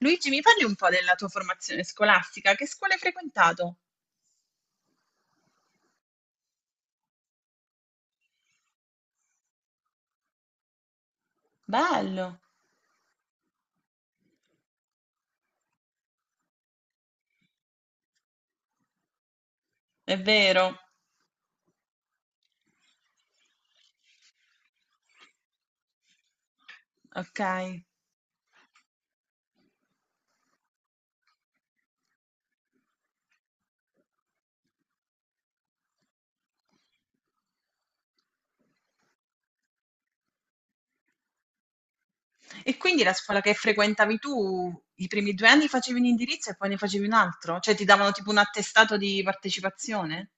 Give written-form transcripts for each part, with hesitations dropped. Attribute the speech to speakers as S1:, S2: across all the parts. S1: Luigi, mi parli un po' della tua formazione scolastica? Che scuola hai frequentato? Bello, è vero. Ok. E quindi la scuola che frequentavi tu, i primi due anni facevi un indirizzo e poi ne facevi un altro? Cioè ti davano tipo un attestato di partecipazione?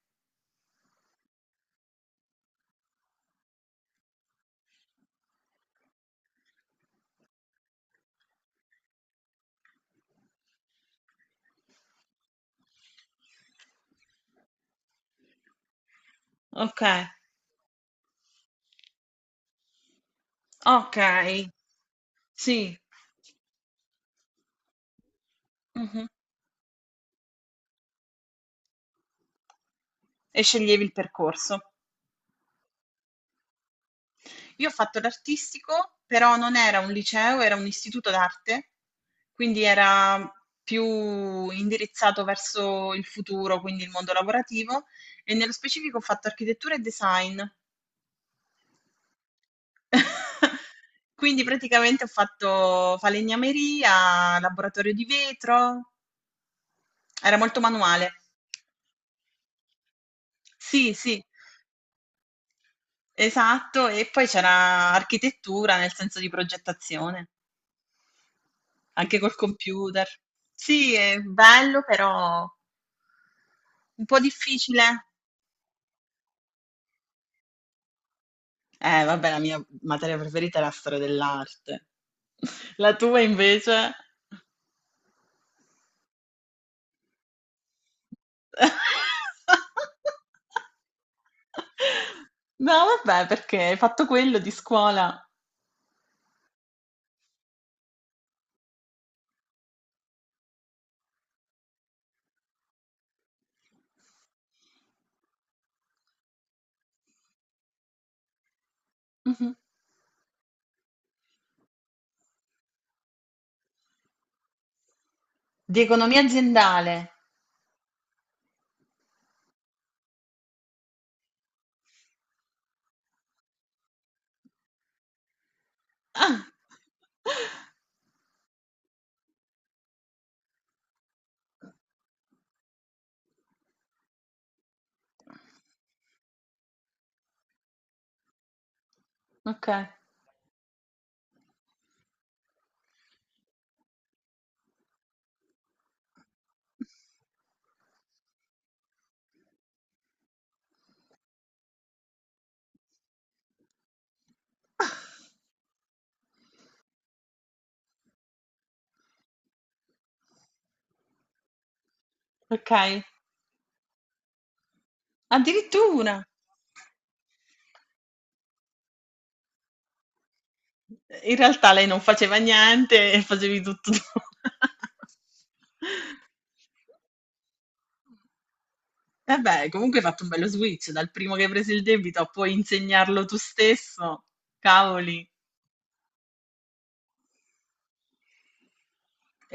S1: Ok, ok, sì. Mhm. E sceglievi il percorso. Io ho fatto l'artistico, però non era un liceo, era un istituto d'arte, quindi era più indirizzato verso il futuro, quindi il mondo lavorativo, e nello specifico ho fatto architettura e design. Quindi praticamente ho fatto falegnameria, laboratorio di vetro, era molto manuale. Sì, sì, esatto, e poi c'era architettura nel senso di progettazione. Anche col computer. Sì, è bello, però un po' difficile. Vabbè, la mia materia preferita è la storia dell'arte. La tua invece? No, vabbè, perché hai fatto quello di scuola. Mhm. Di economia aziendale. Ah. Ok. Ok. Addirittura. In realtà lei non faceva niente e facevi tutto tu. Eh beh, comunque hai fatto un bello switch, dal primo che hai preso il debito a poi insegnarlo tu stesso, cavoli.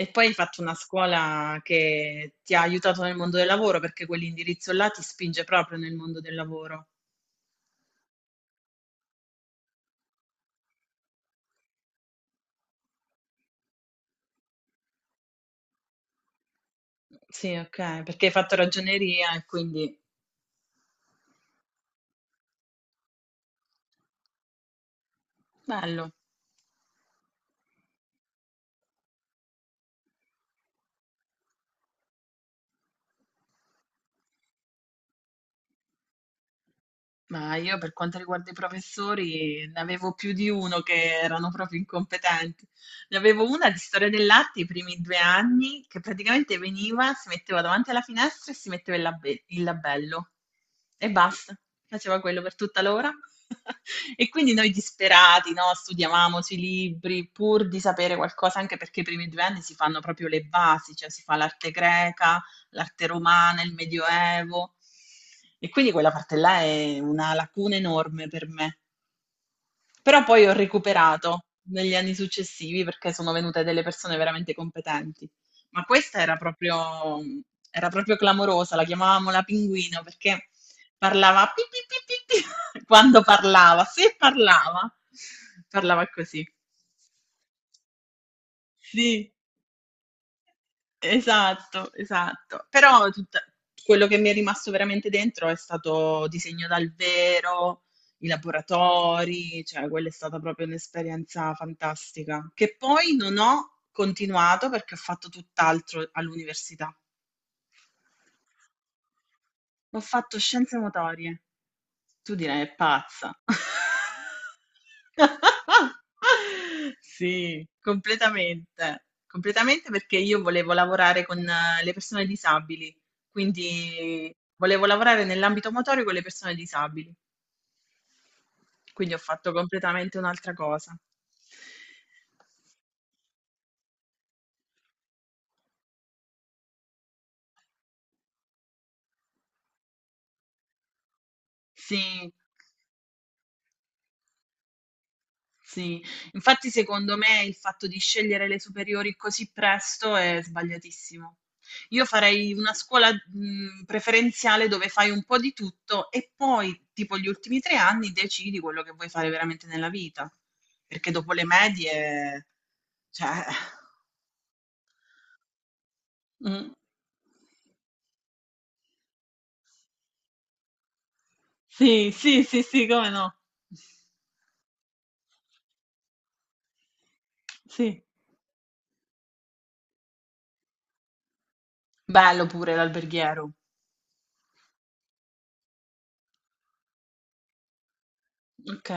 S1: E poi hai fatto una scuola che ti ha aiutato nel mondo del lavoro, perché quell'indirizzo là ti spinge proprio nel mondo del lavoro. Sì, ok, perché hai fatto ragioneria e quindi bello. Ma io per quanto riguarda i professori ne avevo più di uno che erano proprio incompetenti. Ne avevo una di storia dell'arte i primi due anni che praticamente veniva, si metteva davanti alla finestra e si metteva il, il labello e basta, faceva quello per tutta l'ora. E quindi noi disperati, no? Studiavamo sui libri pur di sapere qualcosa, anche perché i primi due anni si fanno proprio le basi, cioè si fa l'arte greca, l'arte romana, il Medioevo. E quindi quella parte là è una lacuna enorme per me. Però poi ho recuperato negli anni successivi perché sono venute delle persone veramente competenti. Ma questa era proprio clamorosa, la chiamavamo la pinguino perché parlava pi, pi, pi, pi, pi, quando parlava, se parlava, parlava così. Sì. Esatto, esatto. Però tutta quello che mi è rimasto veramente dentro è stato disegno dal vero, i laboratori, cioè quella è stata proprio un'esperienza fantastica, che poi non ho continuato perché ho fatto tutt'altro all'università. Ho fatto scienze motorie. Tu direi: "È pazza". Sì, completamente. Completamente perché io volevo lavorare con le persone disabili, quindi volevo lavorare nell'ambito motorio con le persone disabili, quindi ho fatto completamente un'altra cosa. Sì. Sì, infatti secondo me il fatto di scegliere le superiori così presto è sbagliatissimo. Io farei una scuola, preferenziale dove fai un po' di tutto e poi, tipo gli ultimi tre anni, decidi quello che vuoi fare veramente nella vita. Perché dopo le medie, cioè... Mm. Sì, sì, sì, sì, come no? Sì. Bello pure l'alberghiero. Ok.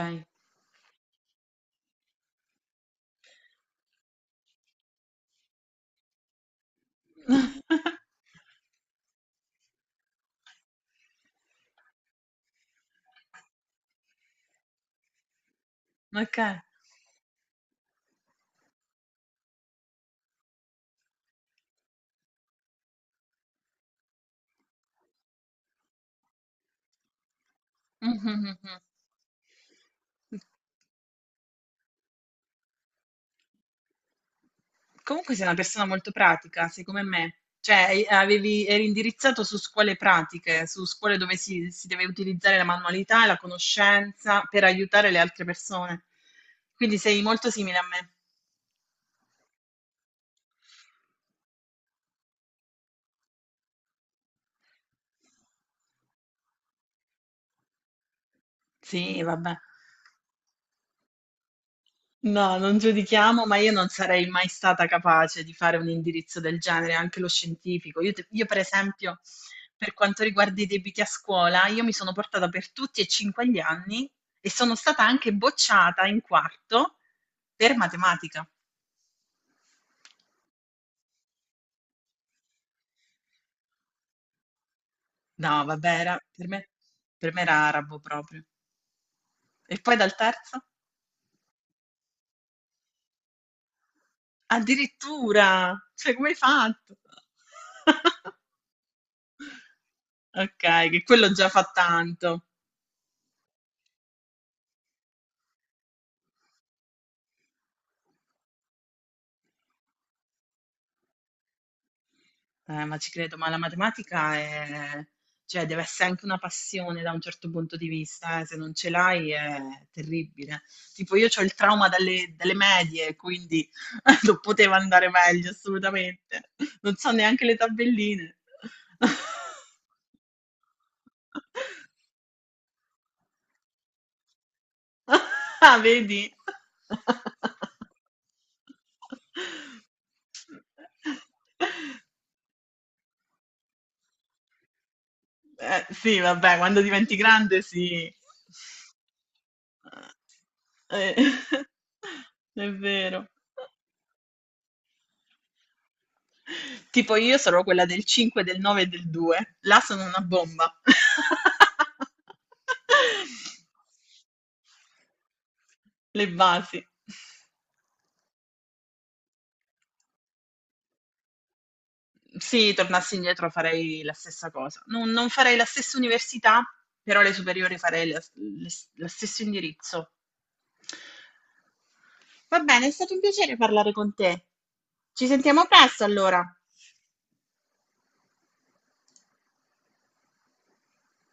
S1: Ok. Mhm, mhm, mhm. Comunque sei una persona molto pratica, sei come me, cioè eri indirizzato su scuole pratiche, su scuole dove si deve utilizzare la manualità e la conoscenza per aiutare le altre persone. Quindi sei molto simile a me. Sì, vabbè. No, non giudichiamo, ma io non sarei mai stata capace di fare un indirizzo del genere, anche lo scientifico. Io, per esempio, per quanto riguarda i debiti a scuola, io mi sono portata per tutti e cinque gli anni e sono stata anche bocciata in quarto per matematica. No, vabbè, era, per me era arabo proprio. E poi dal terzo? Addirittura! Cioè, come hai fatto? Ok, che quello già fa tanto. Ma ci credo, ma cioè, deve essere anche una passione da un certo punto di vista, eh. Se non ce l'hai è terribile. Tipo, io ho il trauma dalle medie, quindi non poteva andare meglio, assolutamente. Non so neanche le tabelline. Ah, vedi? Sì, vabbè, quando diventi grande, sì. Eh, è vero. Tipo io sarò quella del 5, del 9 e del 2. Là sono una bomba. Le basi. Sì, tornassi indietro farei la stessa cosa. Non farei la stessa università, però le superiori lo stesso indirizzo. Va bene, è stato un piacere parlare con te. Ci sentiamo presto allora.